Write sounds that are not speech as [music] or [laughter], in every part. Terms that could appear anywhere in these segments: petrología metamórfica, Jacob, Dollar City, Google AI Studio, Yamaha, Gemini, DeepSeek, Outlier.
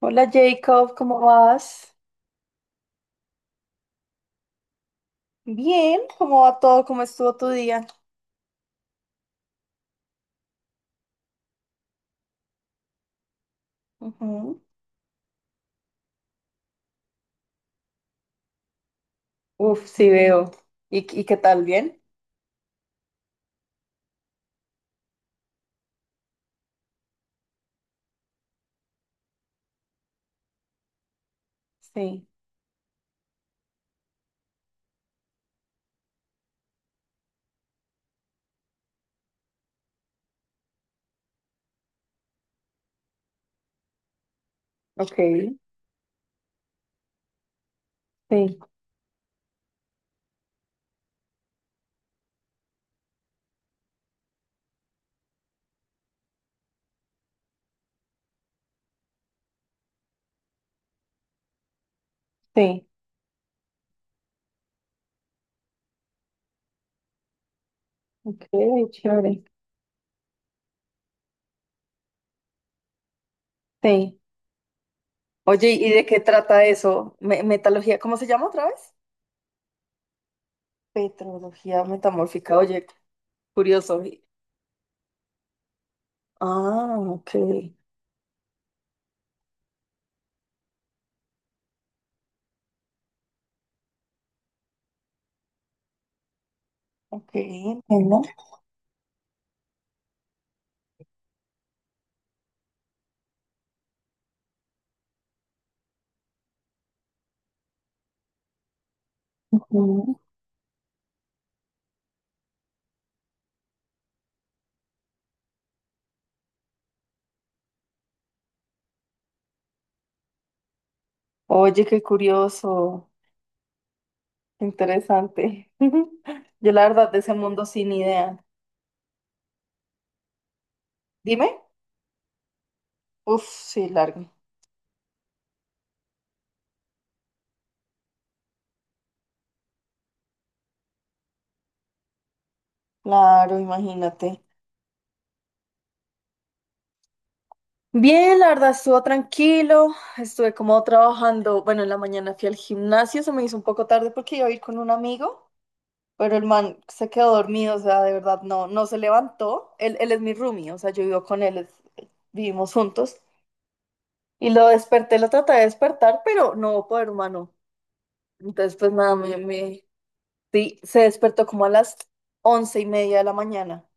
Hola Jacob, ¿cómo vas? Bien, ¿cómo va todo? ¿Cómo estuvo tu día? Ujú. Uf, sí veo. ¿Y qué tal? ¿Bien? Sí, ok. Sí, sí, ok, chévere. Sí. Oye, ¿y de qué trata eso? Metalogía, ¿cómo se llama otra vez? Petrología metamórfica, oye, curioso. Ah, ok, entiendo. Ujú. Oye, qué curioso, qué interesante. [laughs] Yo la verdad de ese mundo sin idea. Dime. Uf, sí, largo. Claro, imagínate. Bien, la verdad, estuvo tranquilo. Estuve como trabajando. Bueno, en la mañana fui al gimnasio, se me hizo un poco tarde porque iba a ir con un amigo, pero el man se quedó dormido, o sea, de verdad, no se levantó. Él es mi roomie, o sea, yo vivo con él, vivimos juntos. Y lo desperté, lo traté de despertar, pero no hubo poder humano. Entonces, pues nada, sí, se despertó como a las 11:30 de la mañana.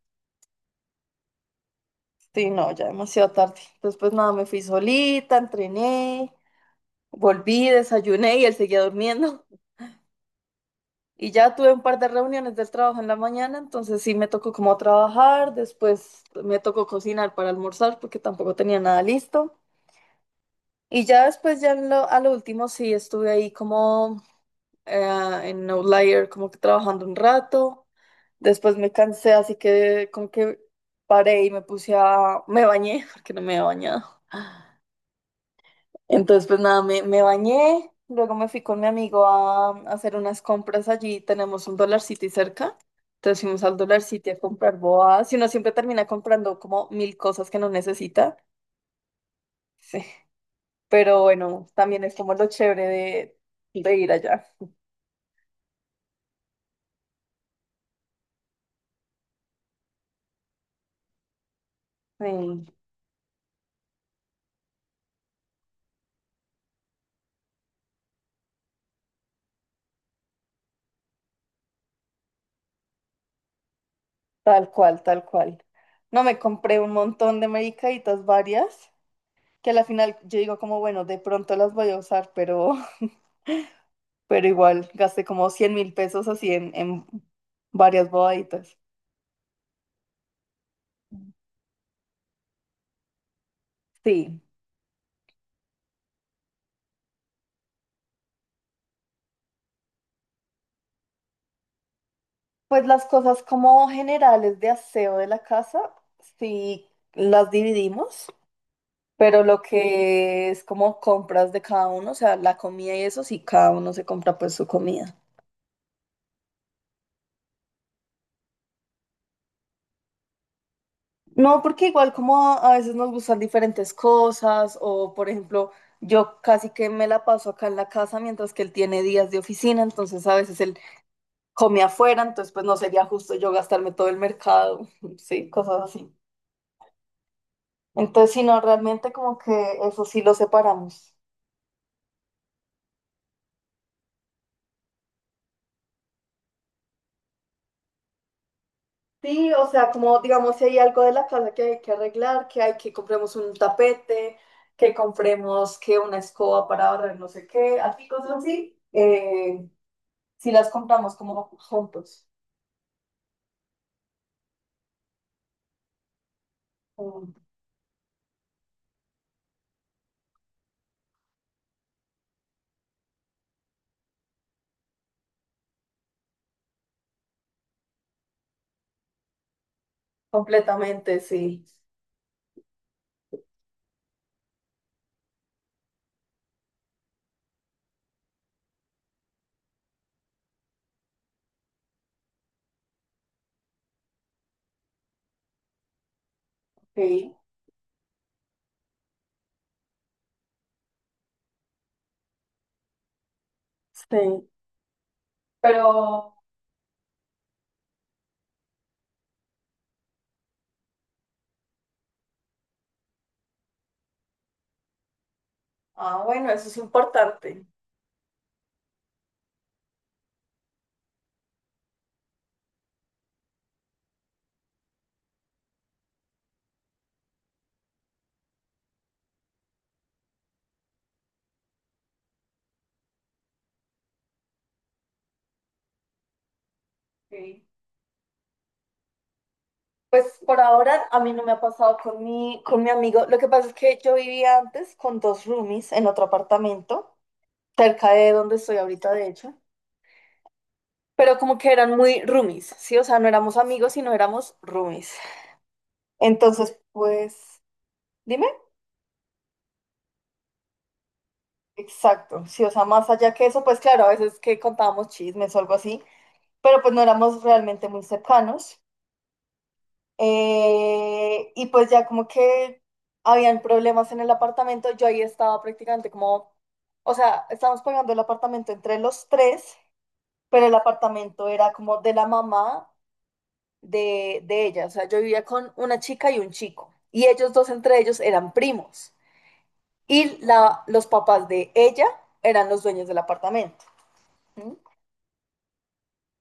Sí, no, ya demasiado tarde. Entonces, pues nada, me fui solita, entrené, volví, desayuné y él seguía durmiendo. [laughs] Y ya tuve un par de reuniones del trabajo en la mañana, entonces sí me tocó como trabajar, después me tocó cocinar para almorzar porque tampoco tenía nada listo. Y ya después, a lo último sí estuve ahí como en Outlier, como que trabajando un rato. Después me cansé, así que como que paré y me puse a... me bañé [laughs] porque no me había bañado. Entonces, pues nada, me bañé, luego me fui con mi amigo a hacer unas compras allí, tenemos un Dollar City cerca, entonces fuimos al Dollar City a comprar boas, y uno siempre termina comprando como mil cosas que no necesita, sí, pero bueno, también es como lo chévere de ir allá, Sí, tal cual, tal cual. No, me compré un montón de medicaditas varias, que a la final yo digo como, bueno, de pronto las voy a usar, pero igual gasté como 100.000 pesos así en varias bobaditas. Sí. Pues las cosas como generales de aseo de la casa, sí las dividimos, pero lo que es como compras de cada uno, o sea, la comida y eso, sí cada uno se compra pues su comida. No, porque igual como a veces nos gustan diferentes cosas, o por ejemplo, yo casi que me la paso acá en la casa mientras que él tiene días de oficina, entonces a veces él come afuera, entonces pues no sería justo yo gastarme todo el mercado, [laughs] sí, cosas así. Entonces, si no, realmente como que eso sí lo separamos. Sí, o sea, como digamos, si hay algo de la casa que hay que arreglar, que hay que compremos un tapete, que compremos que una escoba para barrer no sé qué, así cosas así, si las compramos como juntos, mm, completamente, sí. Sí. Sí. Pero, ah, bueno, eso es importante. Sí. Pues por ahora a mí no me ha pasado con mi amigo. Lo que pasa es que yo vivía antes con dos roomies en otro apartamento, cerca de donde estoy ahorita, de hecho. Pero como que eran muy roomies, ¿sí? O sea, no éramos amigos, sino éramos roomies. Entonces, pues, dime. Exacto, sí, o sea, más allá que eso, pues claro, a veces que contábamos chismes o algo así, pero pues no éramos realmente muy cercanos. Y pues ya como que habían problemas en el apartamento, yo ahí estaba prácticamente como, o sea, estábamos pagando el apartamento entre los tres, pero el apartamento era como de la mamá de ella, o sea, yo vivía con una chica y un chico, y ellos dos entre ellos eran primos, los papás de ella eran los dueños del apartamento. ¿Sí?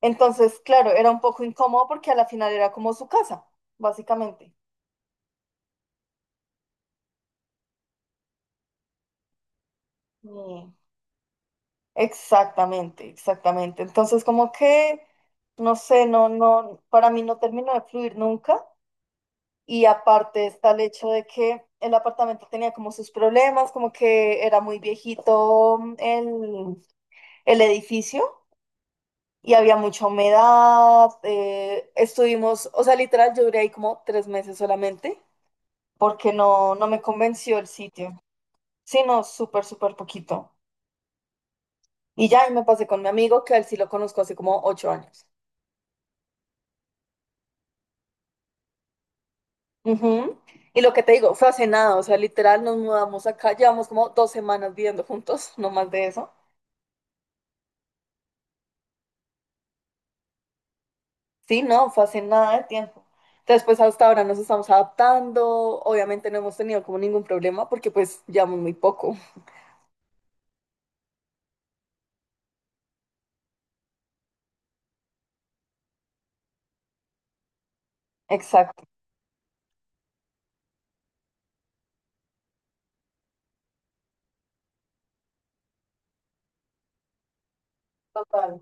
Entonces, claro, era un poco incómodo porque a la final era como su casa, básicamente. Y- Exactamente, exactamente. Entonces, como que, no sé, no, para mí no terminó de fluir nunca. Y aparte está el hecho de que el apartamento tenía como sus problemas, como que era muy viejito mm, el edificio y había mucha humedad. Eh, estuvimos, o sea, literal, yo duré ahí como 3 meses solamente porque no me convenció el sitio. Sí, no, súper, súper poquito. Y ya, y me pasé con mi amigo, que a él sí lo conozco hace como 8 años. Ujú. Y lo que te digo, fue hace nada, o sea, literal nos mudamos acá, llevamos como 2 semanas viviendo juntos, [laughs] no más de eso. Sí, no, fue hace nada de tiempo. Entonces, pues hasta ahora nos estamos adaptando, obviamente no hemos tenido como ningún problema porque pues llevamos muy poco. Exacto. Total.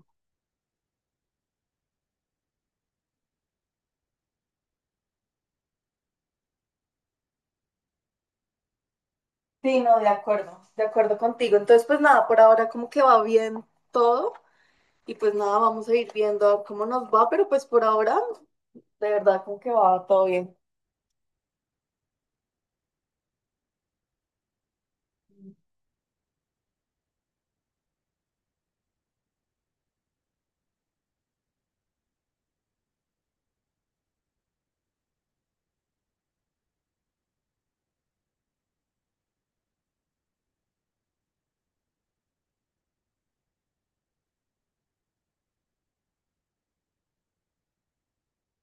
Sí, no, de acuerdo contigo. Entonces, pues nada, por ahora como que va bien todo y pues nada, vamos a ir viendo cómo nos va, pero pues por ahora de verdad, como que va todo bien.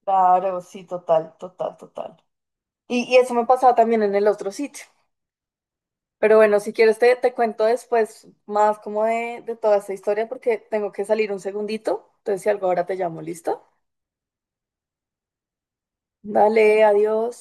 Claro, sí, total, total, total. Y eso me pasaba también en el otro sitio. Pero bueno, si quieres te cuento después más como de toda esta historia porque tengo que salir un segundito. Entonces, si algo ahora te llamo, ¿listo? Dale, adiós.